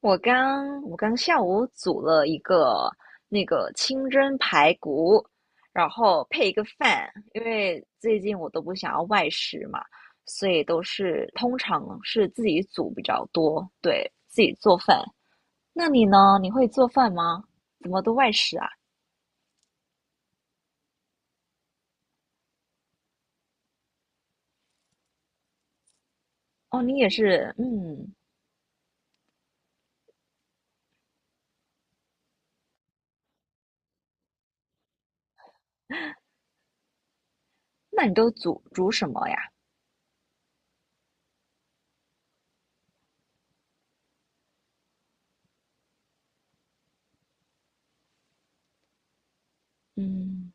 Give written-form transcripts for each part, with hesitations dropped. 我刚下午煮了一个清蒸排骨，然后配一个饭，因为最近我都不想要外食嘛，所以都是通常是自己煮比较多，对，自己做饭。那你呢？你会做饭吗？怎么都外食啊？哦，你也是，嗯，那你都煮什么呀？嗯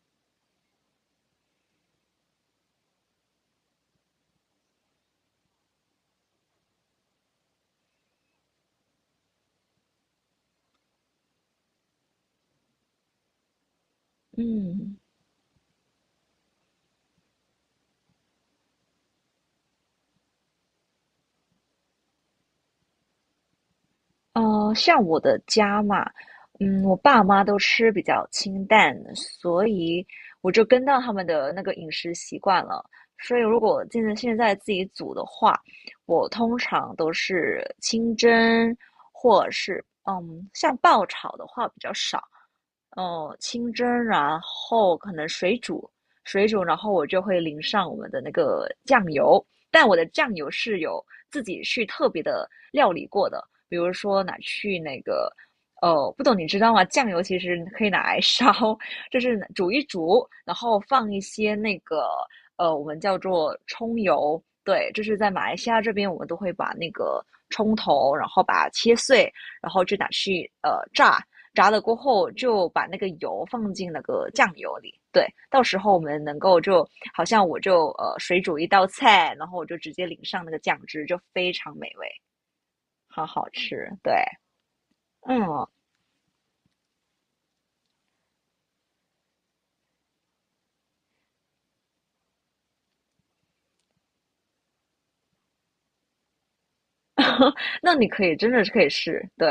嗯。像我的家嘛，嗯，我爸妈都吃比较清淡，所以我就跟到他们的那个饮食习惯了。所以如果现在自己煮的话，我通常都是清蒸，或者是嗯，像爆炒的话比较少。哦，清蒸，然后可能水煮，水煮，然后我就会淋上我们的那个酱油，但我的酱油是有自己去特别的料理过的，比如说拿去那个，哦，不懂你知道吗？酱油其实可以拿来 烧，就是煮一煮，然后放一些那个，我们叫做葱油，对，就是在马来西亚这边，我们都会把那个葱头，然后把它切碎，然后就拿去炸。炸了过后，就把那个油放进那个酱油里。对，到时候我们能够就好像我就水煮一道菜，然后我就直接淋上那个酱汁，就非常美味，好好吃。对，嗯，那你可以真的是可以试。对，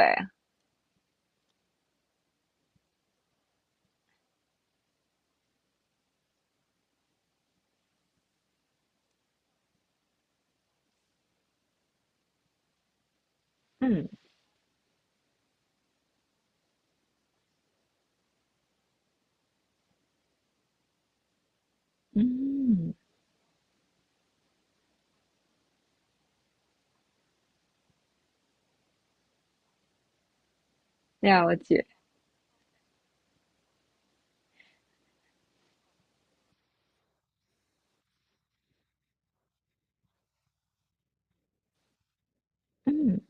嗯嗯，了解。嗯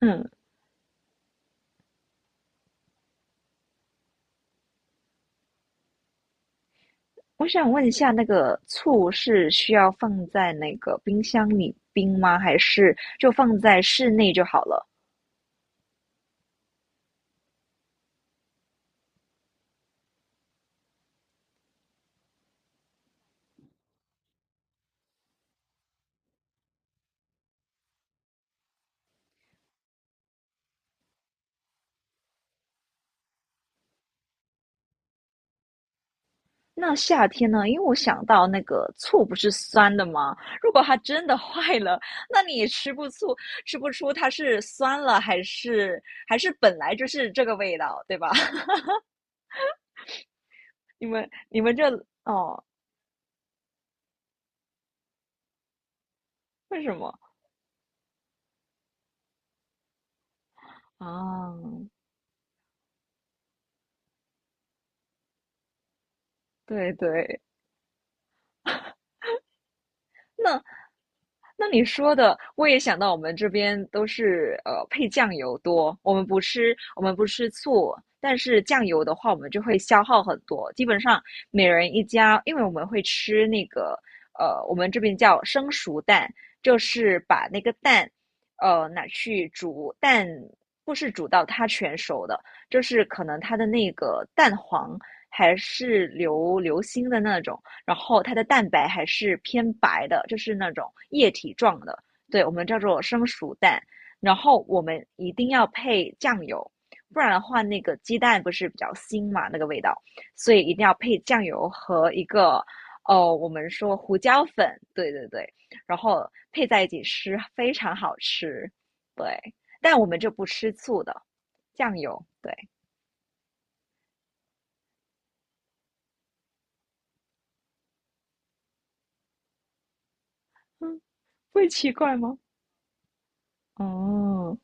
嗯，我想问一下，那个醋是需要放在那个冰箱里冰吗？还是就放在室内就好了？那夏天呢？因为我想到那个醋不是酸的吗？如果它真的坏了，那你也吃不醋，吃不出它是酸了还是本来就是这个味道，对吧？你们这哦，为什么啊？对对，那那你说的，我也想到我们这边都是配酱油多，我们不吃醋，但是酱油的话，我们就会消耗很多。基本上每人一家，因为我们会吃那个我们这边叫生熟蛋，就是把那个蛋拿去煮，蛋不是煮到它全熟的，就是可能它的那个蛋黄还是流心的那种。然后它的蛋白还是偏白的，就是那种液体状的，对我们叫做生熟蛋。然后我们一定要配酱油，不然的话那个鸡蛋不是比较腥嘛，那个味道，所以一定要配酱油和一个哦，我们说胡椒粉，对对对，然后配在一起吃，非常好吃。对，但我们就不吃醋的，酱油，对，嗯，会奇怪吗？哦，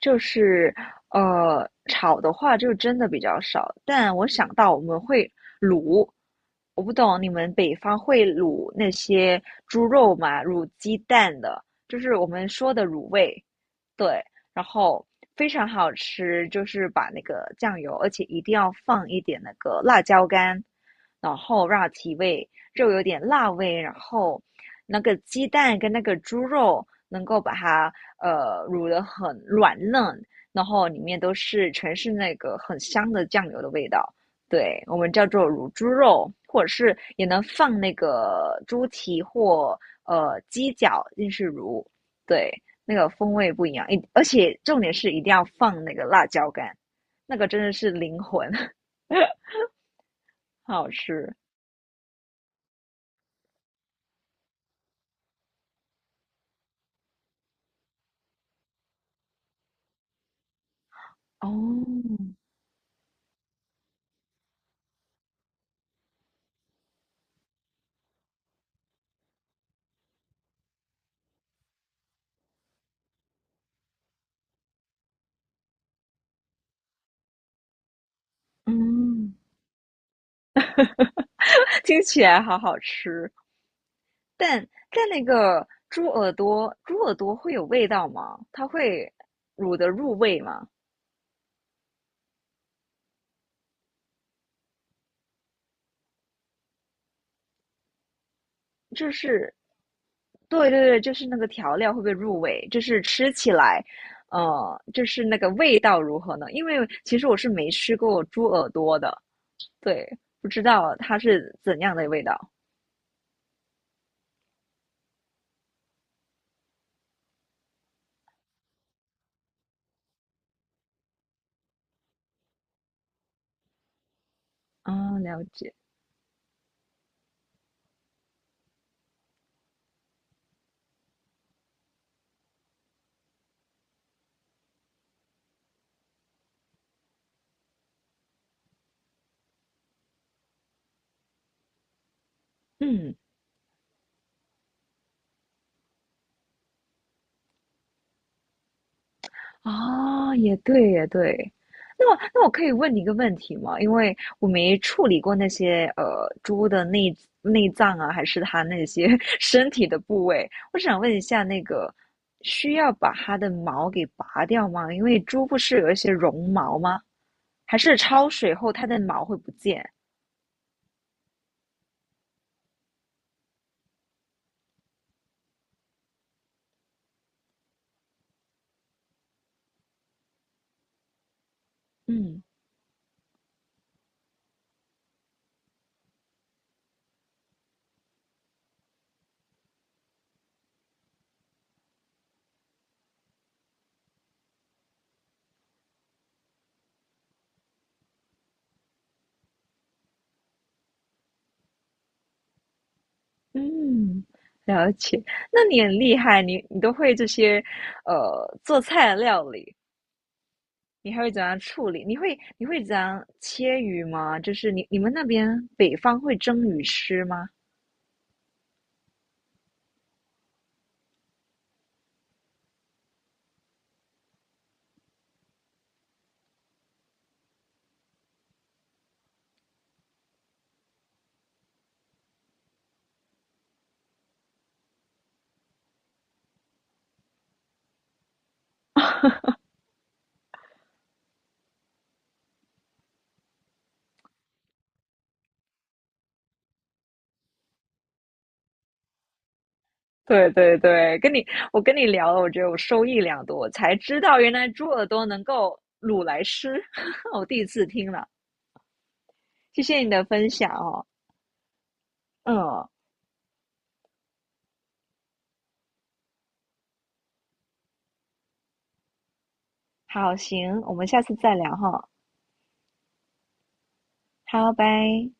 就是，炒的话就真的比较少，但我想到我们会卤，我不懂你们北方会卤那些猪肉吗？卤鸡蛋的，就是我们说的卤味。对，然后非常好吃，就是把那个酱油，而且一定要放一点那个辣椒干，然后让它提味，肉有点辣味，然后那个鸡蛋跟那个猪肉能够把它卤得很软嫩，然后里面都是全是那个很香的酱油的味道。对，我们叫做卤猪肉，或者是也能放那个猪蹄或鸡脚进去卤。对，那个风味不一样，而且重点是一定要放那个辣椒干，那个真的是灵魂，好好吃哦，嗯，听起来好好吃，但但那个猪耳朵，猪耳朵会有味道吗？它会卤的入味吗？就是，对对对，就是那个调料会不会入味？就是吃起来，就是那个味道如何呢？因为其实我是没吃过猪耳朵的，对，不知道它是怎样的味道啊？了解，嗯，啊，也对，也对。那么，那我可以问你一个问题吗？因为我没处理过那些猪的内脏啊，还是它那些 身体的部位，我想问一下，那个需要把它的毛给拔掉吗？因为猪不是有一些绒毛吗？还是焯水后它的毛会不见？嗯嗯，了解。那你很厉害，你都会这些，做菜的料理，你还会怎样处理？你会怎样切鱼吗？就是你们那边北方会蒸鱼吃吗？对对对，我跟你聊了，我觉得我受益良多，我才知道原来猪耳朵能够卤来吃，我第一次听了，谢谢你的分享哦。嗯，好，行，我们下次再聊哈。好，拜。